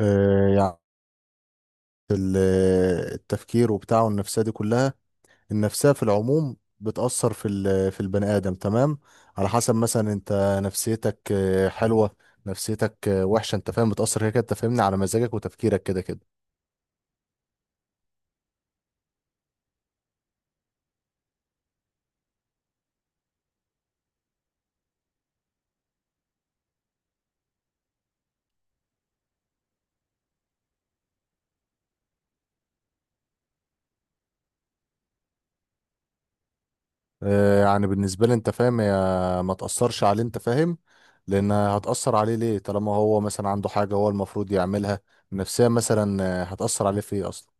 يعني ال- التفكير وبتاعه النفسية دي كلها. النفسية في العموم بتأثر في البني آدم. تمام، على حسب مثلا انت نفسيتك حلوة، نفسيتك وحشة، انت فاهم، بتأثر كده كده، انت فاهمني، على مزاجك وتفكيرك كده كده. يعني بالنسبة لي انت فاهم، هي ما تأثرش عليه، انت فاهم. لأن هتأثر عليه ليه؟ طالما هو مثلا عنده حاجة هو المفروض يعملها. النفسية مثلا هتأثر عليه في ايه أصلا؟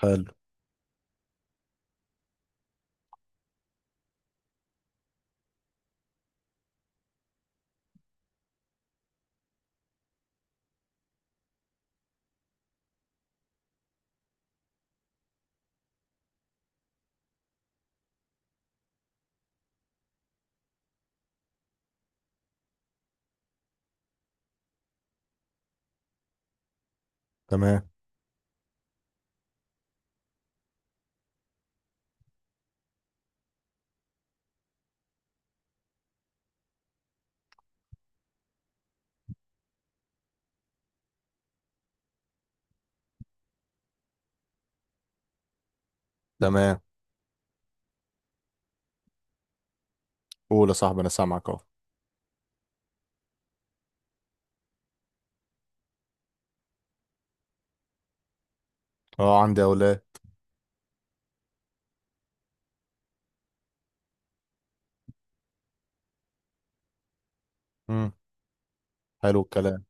حلو. تمام. تمام، قول يا صاحبي، أنا سامعك أهو. أه، عندي أولاد. امم حلو الكلام.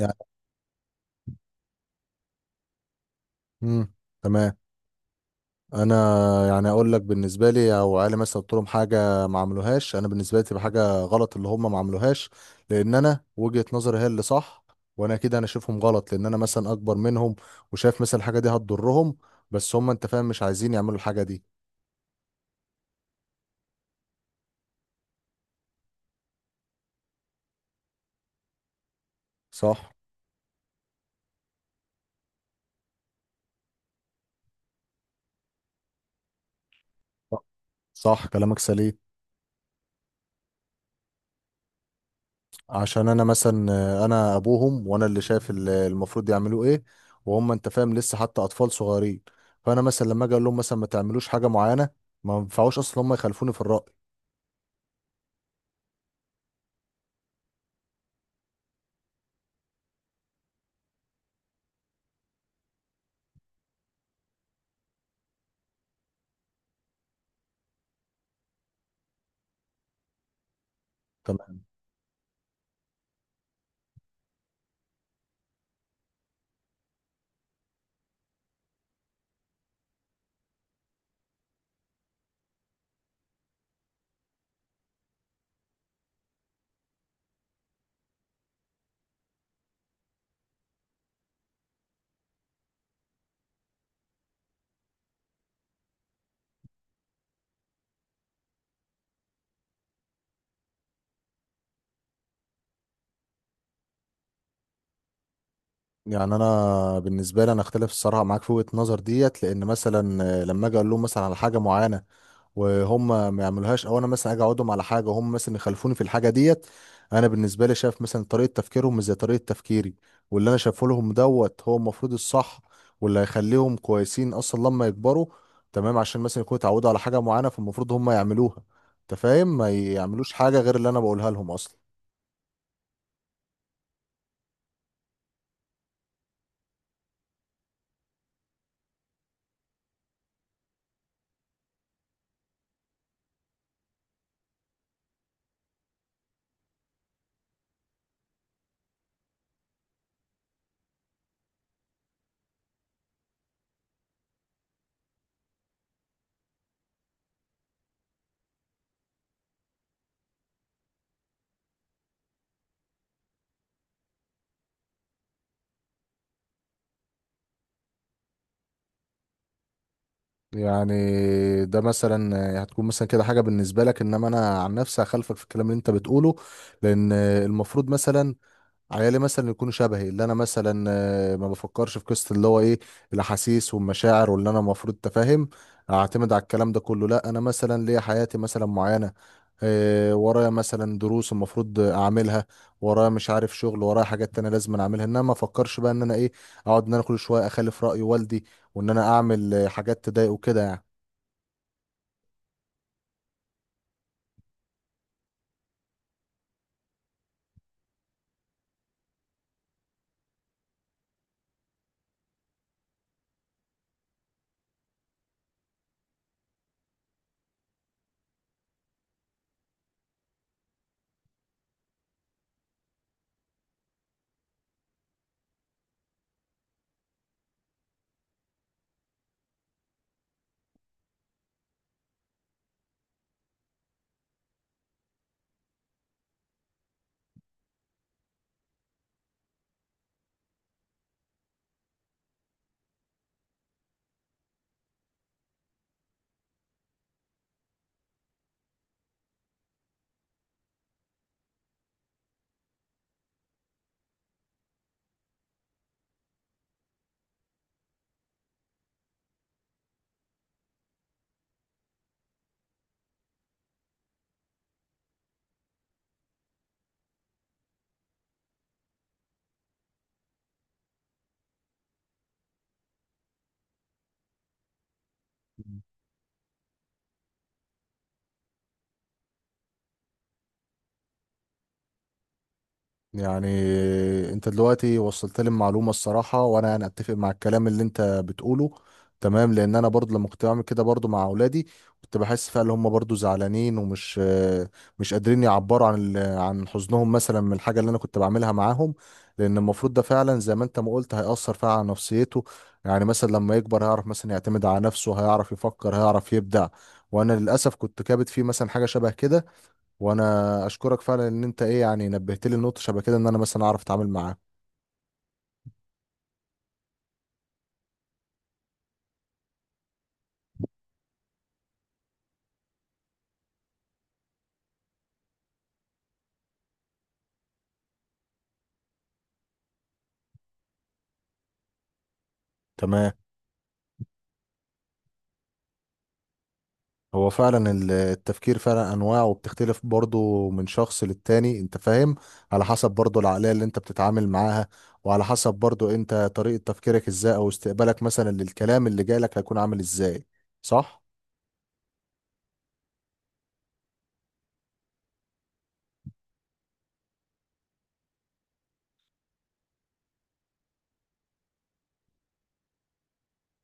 يعني امم تمام. انا يعني اقول لك بالنسبه لي، او علي مثلا قلت لهم حاجه ما عملوهاش، انا بالنسبه لي تبقى حاجه غلط اللي هم ما عملوهاش، لان انا وجهه نظري هي اللي صح، وانا كده انا شايفهم غلط، لان انا مثلا اكبر منهم وشايف مثلا الحاجه دي هتضرهم، بس هم انت فاهم مش عايزين يعملوا الحاجه دي. صح. صح كلامك سليم. عشان انا مثلا انا ابوهم، وانا اللي شايف المفروض يعملوه ايه، وهم انت فاهم لسه حتى اطفال صغيرين، فانا مثلا لما اجي اقول لهم مثلا ما تعملوش حاجه معينه، ما ينفعوش اصلا هم يخالفوني في الراي. تمام. يعني انا بالنسبه لي انا اختلف الصراحه معاك في وجهه النظر ديت، لان مثلا لما اجي اقول لهم مثلا على حاجه معينه وهم ما يعملوهاش، او انا مثلا اجي اقعدهم على حاجه وهم مثلا يخالفوني في الحاجه ديت، انا بالنسبه لي شايف مثلا طريقه تفكيرهم مش زي طريقه تفكيري، واللي انا شايفه لهم دوت هو المفروض الصح، واللي هيخليهم كويسين اصلا لما يكبروا. تمام، عشان مثلا يكونوا اتعودوا على حاجه معينه فالمفروض هم يعملوها، انت فاهم، ما يعملوش حاجه غير اللي انا بقولها لهم اصلا. يعني ده مثلا هتكون مثلا كده حاجه بالنسبه لك، انما انا عن نفسي هخالفك في الكلام اللي انت بتقوله، لان المفروض مثلا عيالي مثلا يكونوا شبهي، اللي انا مثلا ما بفكرش في قصه اللي هو ايه، الاحاسيس والمشاعر واللي انا المفروض تفهم، اعتمد على الكلام ده كله. لا، انا مثلا ليا حياتي مثلا معينه، ورايا مثلا دروس المفروض اعملها، ورايا مش عارف شغل، ورايا حاجات تانية لازم اعملها، انما ما افكرش بقى ان انا ايه، اقعد ان انا كل شويه اخالف راي والدي، وان انا اعمل حاجات تضايقه كده يعني. يعني انت دلوقتي وصلت لي المعلومه الصراحه، وانا يعني اتفق مع الكلام اللي انت بتقوله. تمام، لان انا برضو لما كنت بعمل كده برضو مع اولادي، كنت بحس فعلا ان هم برضو زعلانين ومش مش قادرين يعبروا عن عن حزنهم مثلا من الحاجه اللي انا كنت بعملها معاهم، لان المفروض ده فعلا زي ما انت ما قلت هيأثر فعلا على نفسيته. يعني مثلا لما يكبر هيعرف مثلا يعتمد على نفسه، هيعرف يفكر، هيعرف يبدع، وانا للاسف كنت كابت فيه مثلا حاجه شبه كده. وانا اشكرك فعلا ان انت ايه يعني نبهت لي النقطه شبه كده، ان انا مثلا اعرف اتعامل معاه. تمام. هو فعلا التفكير فعلا انواع، وبتختلف برضه من شخص للتاني انت فاهم، على حسب برضه العقليه اللي انت بتتعامل معاها، وعلى حسب برضه انت طريقه تفكيرك ازاي او استقبالك مثلا للكلام اللي جايلك هيكون عامل ازاي. صح.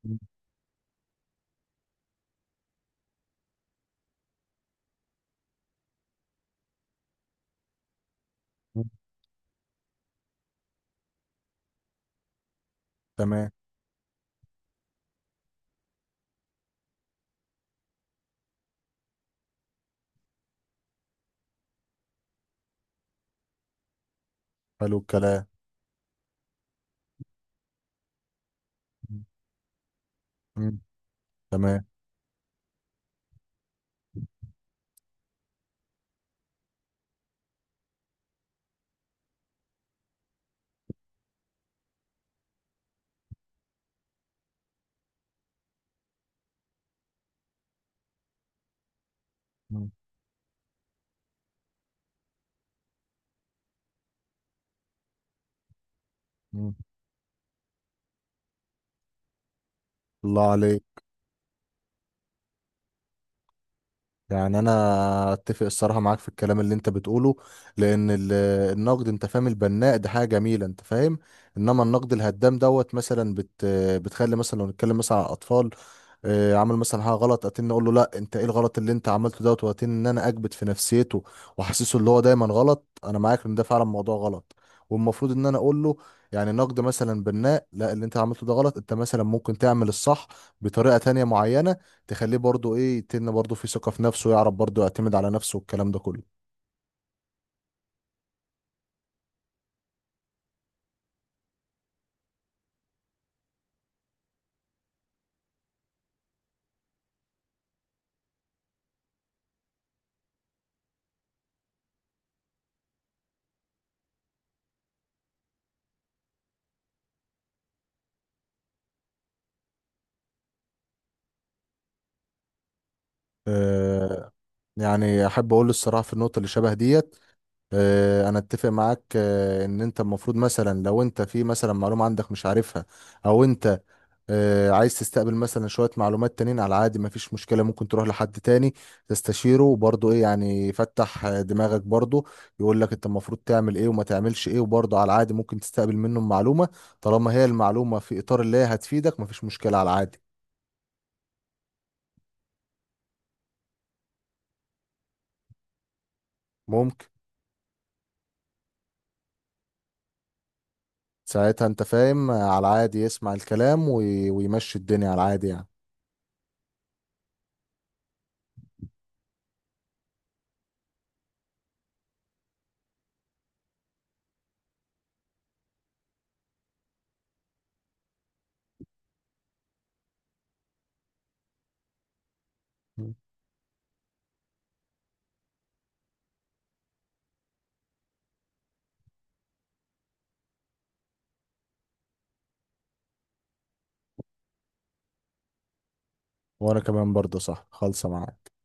مم. مم. تمام. حلو الكلام. مم. مم. تمام. مم. الله عليك. يعني انا اتفق الصراحه معاك في الكلام اللي انت بتقوله، لان النقد انت فاهم البناء ده حاجه جميله انت فاهم، انما النقد الهدام دوت مثلا بتخلي مثلا، لو نتكلم مثلا على الاطفال، عمل مثلا حاجه غلط، اقول له لا انت ايه الغلط اللي انت عملته دوت، ان انا اكبت في نفسيته واحسسه اللي هو دايما غلط. انا معاك ان ده فعلا موضوع غلط، والمفروض ان انا اقول له يعني نقد مثلا بناء: لا، اللي انت عملته ده غلط، انت مثلا ممكن تعمل الصح بطريقه تانية معينه، تخليه برضو ايه برضو في ثقه في نفسه، يعرف برضو يعتمد على نفسه والكلام ده كله. آه، يعني احب اقول الصراحه في النقطه اللي شبه ديت، انا اتفق معاك ان انت المفروض مثلا لو انت في مثلا معلومه عندك مش عارفها، او انت عايز تستقبل مثلا شويه معلومات تانيين على عادي، مفيش مشكله، ممكن تروح لحد تاني تستشيره وبرضه ايه يعني يفتح دماغك برضه، يقول لك انت المفروض تعمل ايه وما تعملش ايه، وبرضه على عادي ممكن تستقبل منه معلومه طالما هي المعلومه في اطار اللي هي هتفيدك، مفيش مشكله على عادي. ممكن. ساعتها انت فاهم على عادي يسمع الكلام ويمشي الدنيا على عادي يعني. وانا كمان برضه صح خالصة معاك.